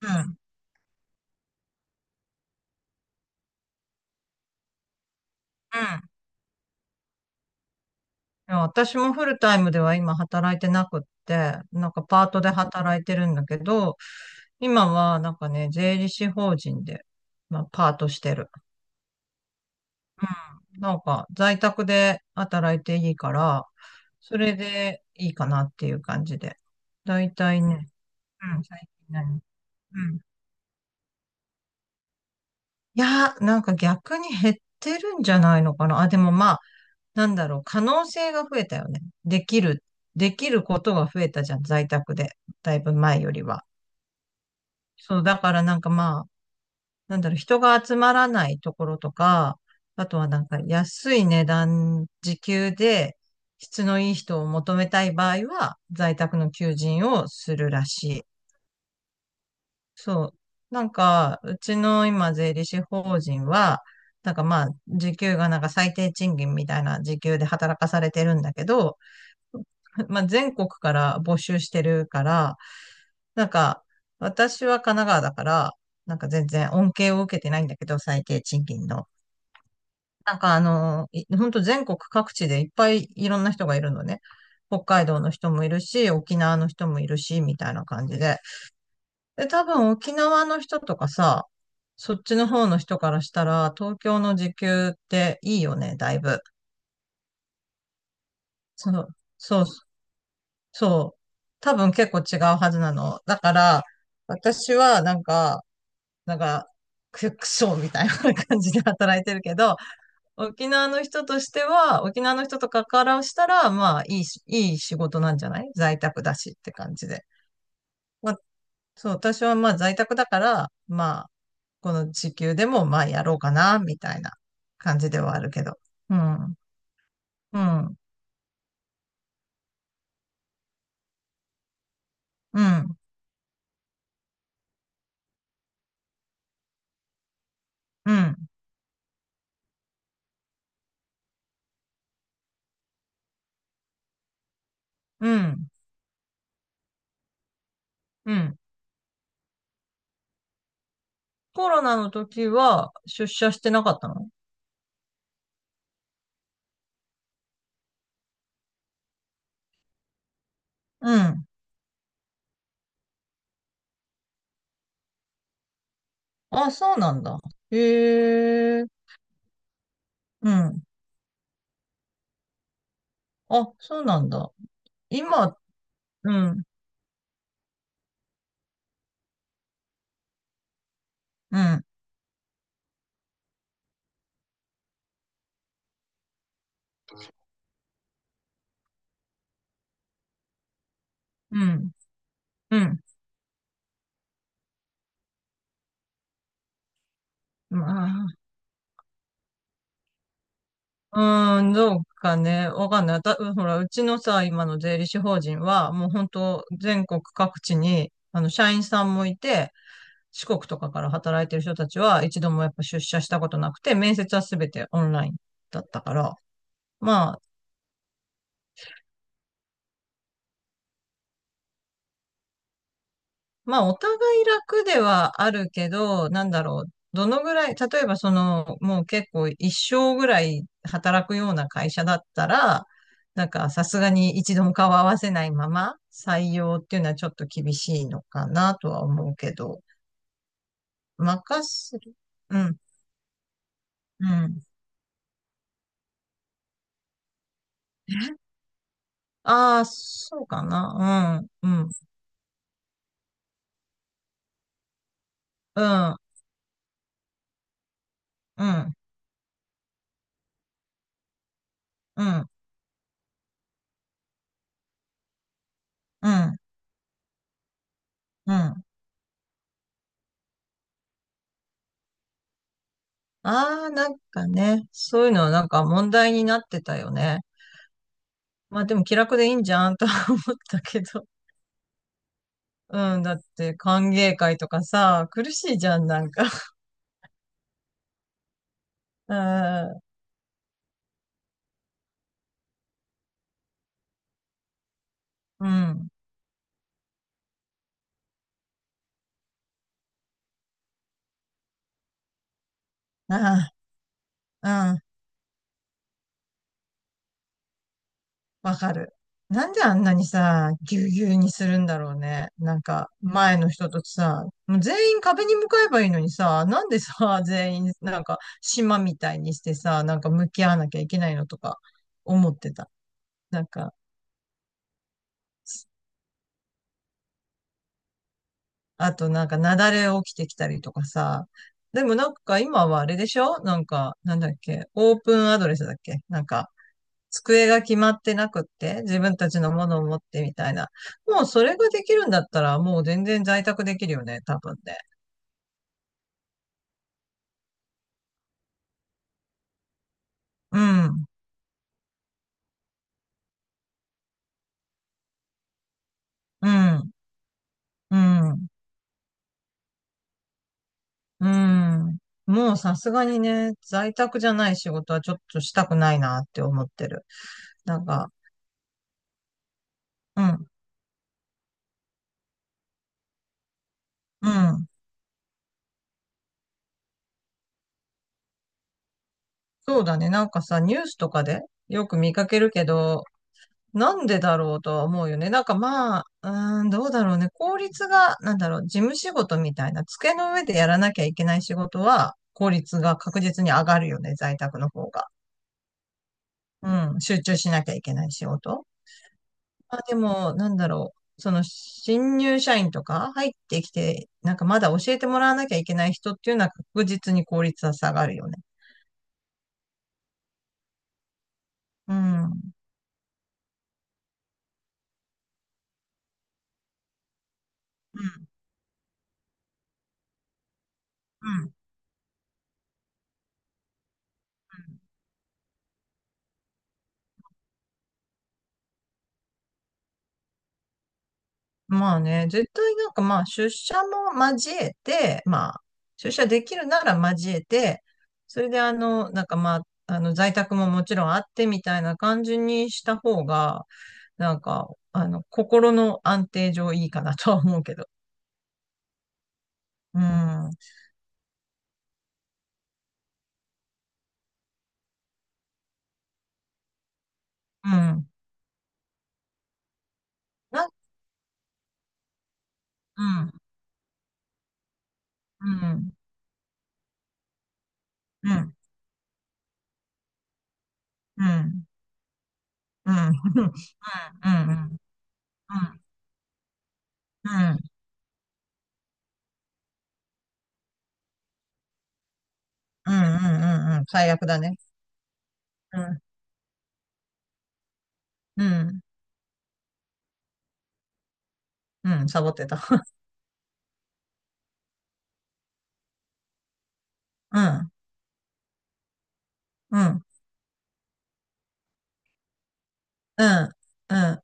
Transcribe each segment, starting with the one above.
うん。うん。いや私もフルタイムでは今働いてなくって、パートで働いてるんだけど、今は税理士法人で、パートしてる。うん。在宅で働いていいから、それでいいかなっていう感じで。だいたいね、うん、最近何うん。いや、逆に減ってるんじゃないのかな。あ、でもまあ、可能性が増えたよね。できることが増えたじゃん、在宅で。だいぶ前よりは。そう、だから人が集まらないところとか、あとは安い値段、時給で質のいい人を求めたい場合は、在宅の求人をするらしい。そう。うちの今、税理士法人は、時給が最低賃金みたいな時給で働かされてるんだけど、まあ、全国から募集してるから、なんか、私は神奈川だから、全然恩恵を受けてないんだけど、最低賃金の。なんかあの、本当全国各地でいっぱいいろんな人がいるのね。北海道の人もいるし、沖縄の人もいるし、みたいな感じで。で、多分沖縄の人とかさ、そっちの方の人からしたら、東京の時給っていいよね、だいぶ。そう、そうそう。多分結構違うはずなの。だから、私はなんか、くそみたいな感じで働いてるけど、沖縄の人とかからしたら、まあ、いいし、いい仕事なんじゃない在宅だしって感じで。まあ、そう、私はまあ在宅だから、まあ、この時給でもまあやろうかな、みたいな感じではあるけど。うん、うん、うん、うん、うん、うん。コロナの時は出社してなかったのうん。あ、そうなんだ。へえ。うん。あ、そうなんだ。今、うん、うん、うん、うん。まあ、うーん、どうかね。わかんない。ほら、うちのさ、今の税理士法人は、もう本当全国各地に、社員さんもいて、四国とかから働いてる人たちは、一度もやっぱ出社したことなくて、面接はすべてオンラインだったから、まあ、お互い楽ではあるけど、なんだろう。どのぐらい、例えばその、もう結構一生ぐらい働くような会社だったら、さすがに一度も顔合わせないまま採用っていうのはちょっと厳しいのかなとは思うけど、任せる。うん、うん。ああ、そうかな。うん、うん、うん、うん、うん、うん。ああ、そういうのは問題になってたよね。まあでも気楽でいいんじゃんとは思ったけど。うん、だって歓迎会とかさ、苦しいじゃん、なんか。うん、うん、ああ、うん、わかる。なんであんなにさ、ぎゅうぎゅうにするんだろうね。なんか、前の人とさ、もう全員壁に向かえばいいのにさ、なんでさ、全員、なんか、島みたいにしてさ、なんか向き合わなきゃいけないのとか、思ってた。なんか、あとなんか、雪崩起きてきたりとかさ。でもなんか今はあれでしょなんか、なんだっけオープンアドレスだっけなんか、机が決まってなくって、自分たちのものを持ってみたいな。もうそれができるんだったら、もう全然在宅できるよね、多分ね。うん、うん、うん、うん。もうさすがにね、在宅じゃない仕事はちょっとしたくないなって思ってる。なんか、うん、うん。そうだね。なんかさ、ニュースとかでよく見かけるけど、なんでだろうとは思うよね。なんかまあ、うーん、どうだろうね。効率が、なんだろう、事務仕事みたいな、机の上でやらなきゃいけない仕事は、効率が確実に上がるよね、在宅の方が。うん、集中しなきゃいけない仕事。まあでも、なんだろう、その、新入社員とか入ってきて、なんかまだ教えてもらわなきゃいけない人っていうのは確実に効率は下がるよね。うん。うん。うん。まあね、絶対出社も交えて、出社できるなら交えて、それで在宅ももちろんあってみたいな感じにした方が、心の安定上いいかなとは思うけど。うん、うん、な、うん、うん、うん、うん、うん、うん、うん、うん、うん、うん、うん、うん、最悪だね。うん、うん、うん、サボってた。うん、うん。うん、うん、あ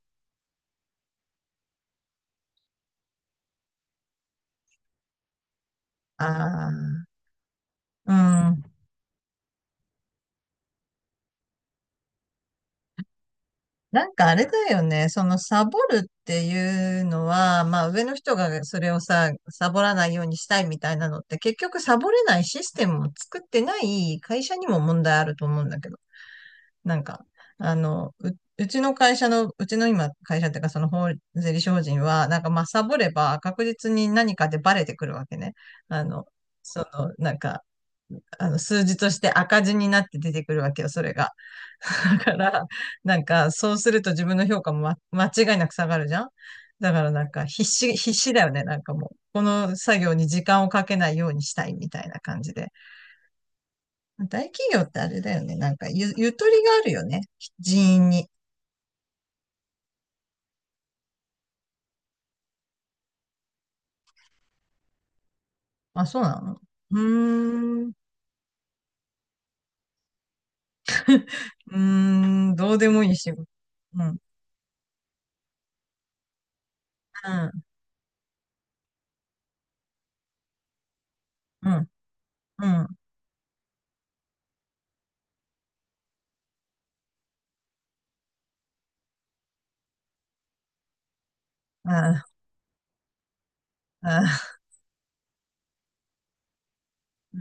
あ、うん。なんかあれだよね。そのサボるっていうのは、まあ上の人がそれをさ、サボらないようにしたいみたいなのって、結局サボれないシステムを作ってない会社にも問題あると思うんだけど。なんか、あの、う、うちの今会社っていうかその税理士法人は、なんかまあサボれば確実に何かでバレてくるわけね。あの、その、なんか、数字として赤字になって出てくるわけよ、それが。だから、そうすると自分の評価も、間違いなく下がるじゃんだから必死だよね。なんかもう、この作業に時間をかけないようにしたいみたいな感じで。大企業ってあれだよね。なんかゆとりがあるよね。人員に。あ、そうなのうーん、うーん、どうでもいい仕事。うん、うん、うん、うん。あああ。うん、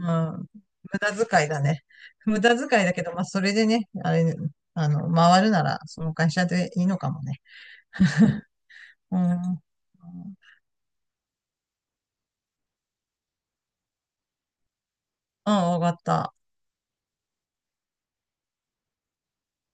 無駄遣いだね。無駄遣いだけど、まあ、それでね、あれ、あの、回るなら、その会社でいいのかもね。うん。うん、わかった。